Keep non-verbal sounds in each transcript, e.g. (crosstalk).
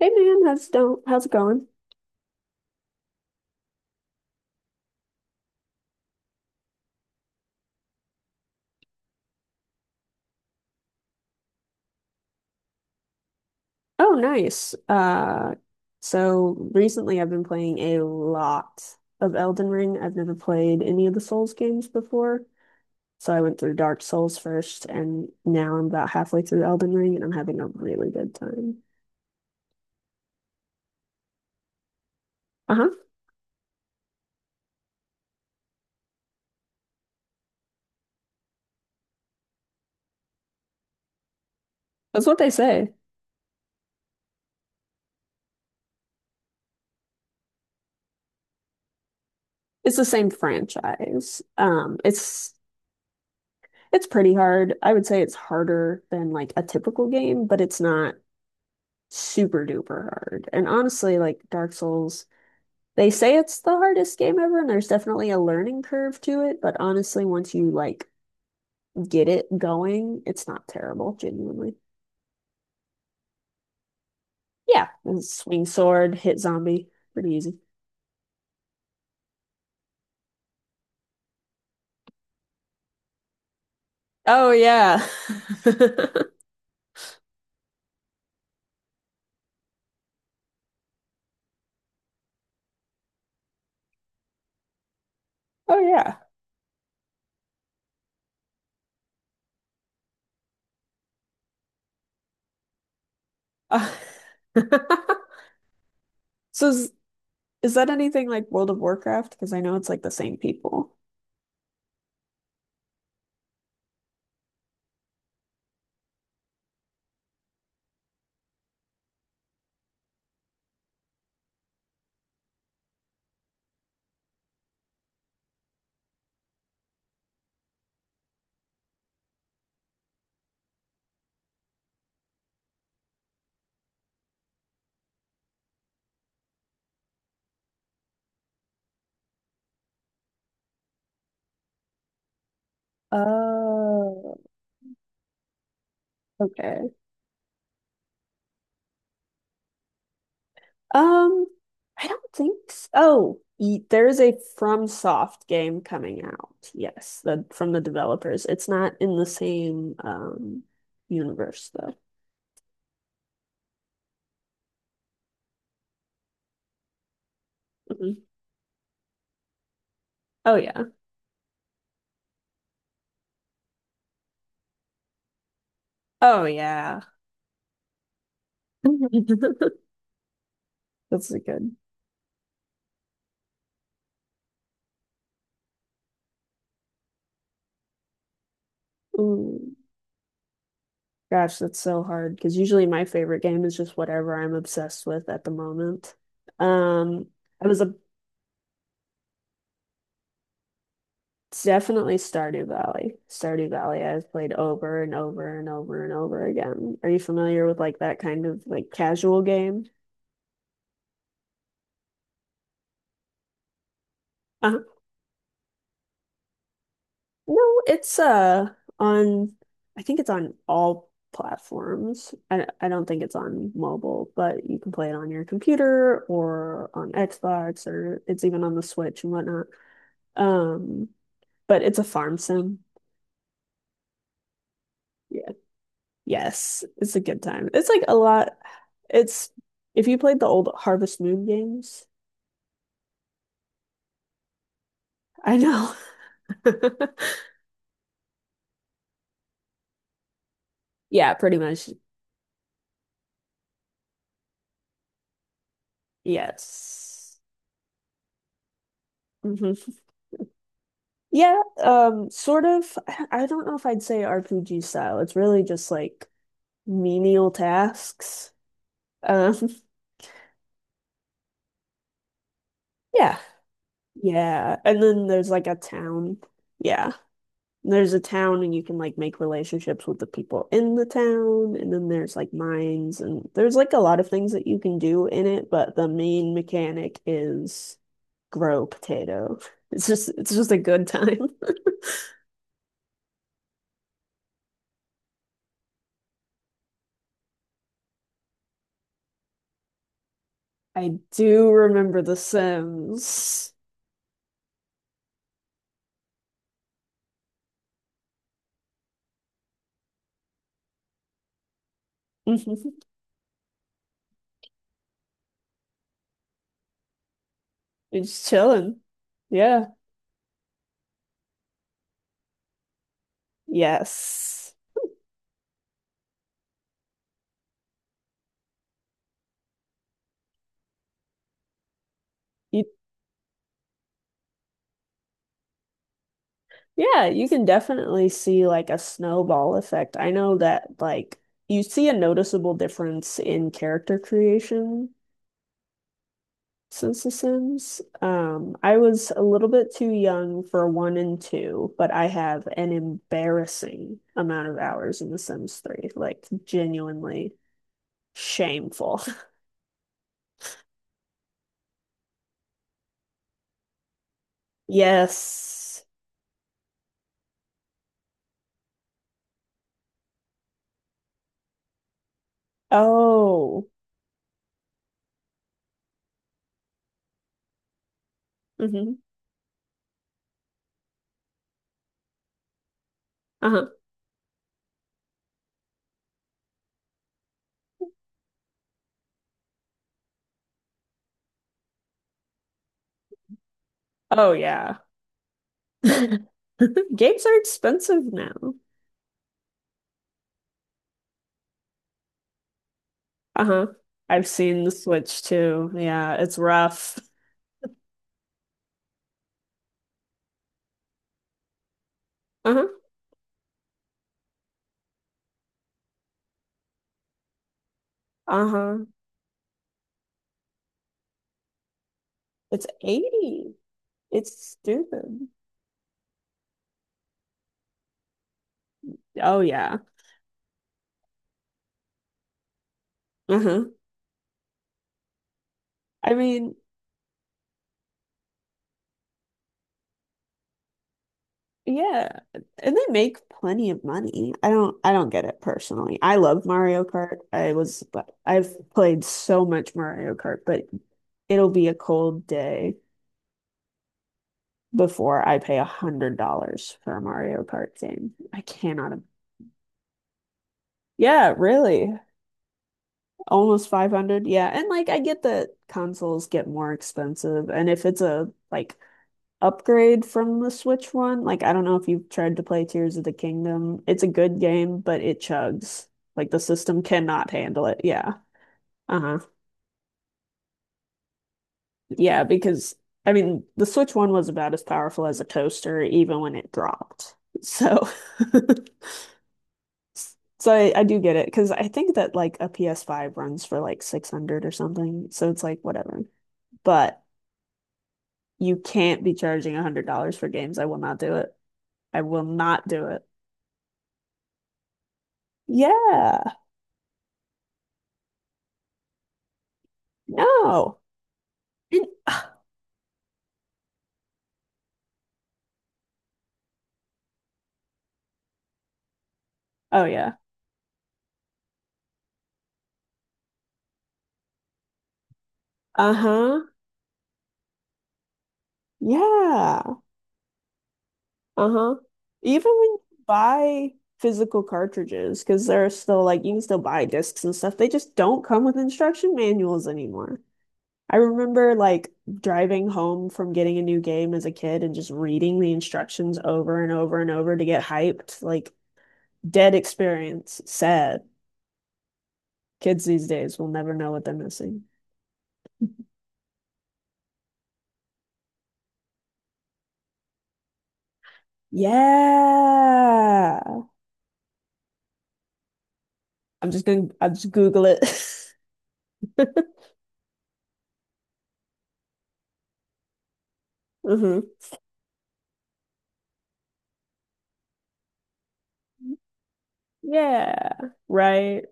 Hey man, how's it going? Oh, nice. So recently I've been playing a lot of Elden Ring. I've never played any of the Souls games before, so I went through Dark Souls first, and now I'm about halfway through Elden Ring, and I'm having a really good time. Uh-huh. That's what they say. It's the same franchise. It's pretty hard. I would say it's harder than like a typical game, but it's not super duper hard. And honestly, like Dark Souls. They say it's the hardest game ever, and there's definitely a learning curve to it, but honestly, once you like get it going, it's not terrible, genuinely. Yeah, and swing sword, hit zombie, pretty easy. Oh yeah. (laughs) Oh yeah. Uh, (laughs) So is that anything like World of Warcraft? Because I know it's like the same people. Oh, okay. Um, I don't think so. Oh, there is a FromSoft game coming out. Yes, the from the developers. It's not in the same universe though. Mhm. Oh yeah. Oh yeah. (laughs) That's a good. Ooh, gosh, that's so hard because usually my favorite game is just whatever I'm obsessed with at the moment. Um, I was a It's definitely Stardew Valley. Stardew Valley I've played over and over and over and over again. Are you familiar with like that kind of like casual game? Uh, no, it's on I think it's on all platforms. I don't think it's on mobile, but you can play it on your computer or on Xbox or it's even on the Switch and whatnot. Um, but it's a farm sim. Yeah. Yes, it's a good time. It's like a lot. It's if you played the old Harvest Moon games, I know. (laughs) Yeah, pretty much. Yes. hmm Yeah, sort of. I don't know if I'd say RPG style. It's really just like menial tasks. Um, (laughs) yeah, yeah. And then there's like a town. Yeah. There's a town and you can like make relationships with the people in the town and then there's like mines and there's like a lot of things that you can do in it, but the main mechanic is grow potato. (laughs) It's just a good time. (laughs) I do remember The Sims. (laughs) It's chilling. Yeah. Yes. You, yeah, you can definitely see like a snowball effect. I know that like you see a noticeable difference in character creation since The Sims. I was a little bit too young for one and two, but I have an embarrassing amount of hours in The Sims 3, like genuinely shameful. (laughs) Yes. Oh. hmm Uh-huh. Oh yeah. (laughs) Games are expensive now. Uh-huh. I've seen the Switch too. Yeah, it's rough. Uh-huh. Uh-huh. It's 80. It's stupid. Oh yeah. Uh-huh. I mean, yeah, and they make plenty of money. I don't get it personally. I love Mario Kart. I've played so much Mario Kart, but it'll be a cold day before I pay $100 for a Mario Kart game. I cannot. Yeah, really. Almost 500. Yeah, and like I get that consoles get more expensive and if it's a like upgrade from the Switch one. Like, I don't know if you've tried to play Tears of the Kingdom. It's a good game, but it chugs. Like, the system cannot handle it. Yeah. Uh-huh. Yeah, because I mean, the Switch one was about as powerful as a toaster, even when it dropped. So, (laughs) so I do get it because I think that like a PS5 runs for like 600 or something. So it's like, whatever. But you can't be charging $100 for games. I will not do it. I will not do it. Yeah. No. And Oh yeah. Uh-huh. Yeah. Uh-huh. Even when you buy physical cartridges, because they're still like you can still buy discs and stuff, they just don't come with instruction manuals anymore. I remember like driving home from getting a new game as a kid and just reading the instructions over and over and over to get hyped. Like dead experience. Sad. Kids these days will never know what they're missing. Yeah. I'm just gonna I'm just Google it. (laughs) (laughs) hmm Yeah, right.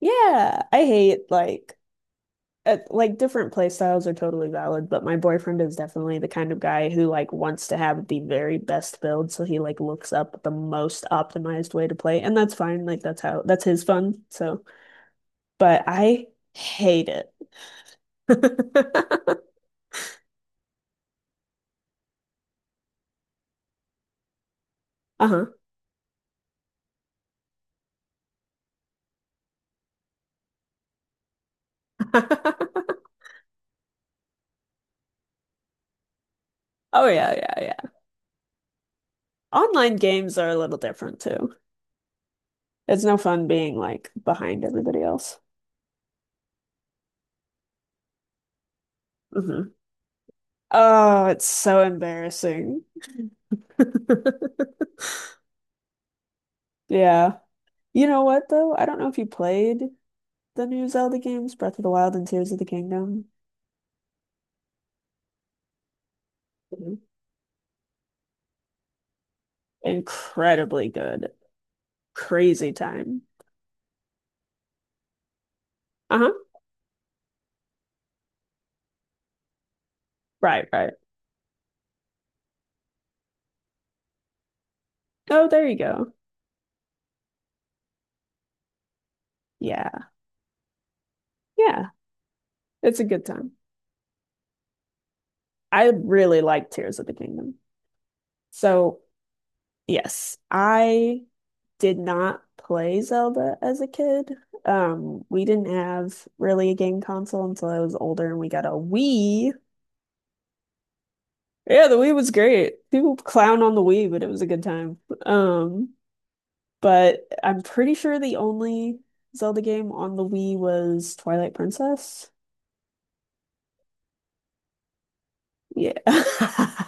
Yeah, I hate like different play styles are totally valid, but my boyfriend is definitely the kind of guy who like wants to have the very best build, so he like looks up the most optimized way to play, and that's fine. Like that's his fun. So, but I hate it. (laughs) Uh-huh. (laughs) Oh yeah, yeah, yeah. Online games are a little different too. It's no fun being like behind everybody else. Mhm. Oh, it's so embarrassing. (laughs) Yeah. You know what though? I don't know if you played the new Zelda games, Breath of the Wild and Tears of the Kingdom. Mhm. Incredibly good. Crazy time. Uh-huh. Right, right. Oh, there you go. Yeah. Yeah. It's a good time. I really like Tears of the Kingdom. So, yes, I did not play Zelda as a kid. We didn't have really a game console until I was older and we got a Wii. Yeah, the Wii was great. People clown on the Wii, but it was a good time. Um, but I'm pretty sure the only Zelda game on the Wii was Twilight Princess. Yeah.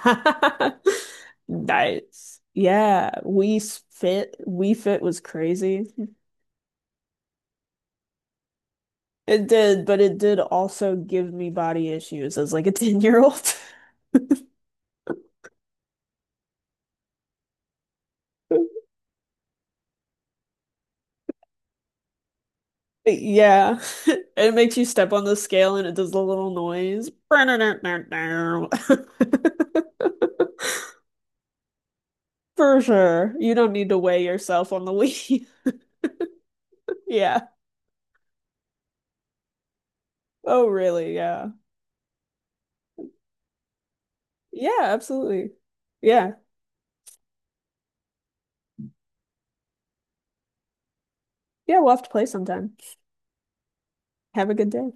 (laughs) Nice. Yeah, Wii Fit. Wii Fit was crazy. It did, but it did also give me body issues as like a (laughs) 10-year-old. (laughs) Yeah. (laughs) It makes you step on the scale and it does the little noise. (laughs) For sure. You don't need to weigh yourself on the Wii. (laughs) Yeah. Oh, really? Yeah. Yeah, absolutely. Yeah. Yeah, we'll have to play sometime. Have a good day.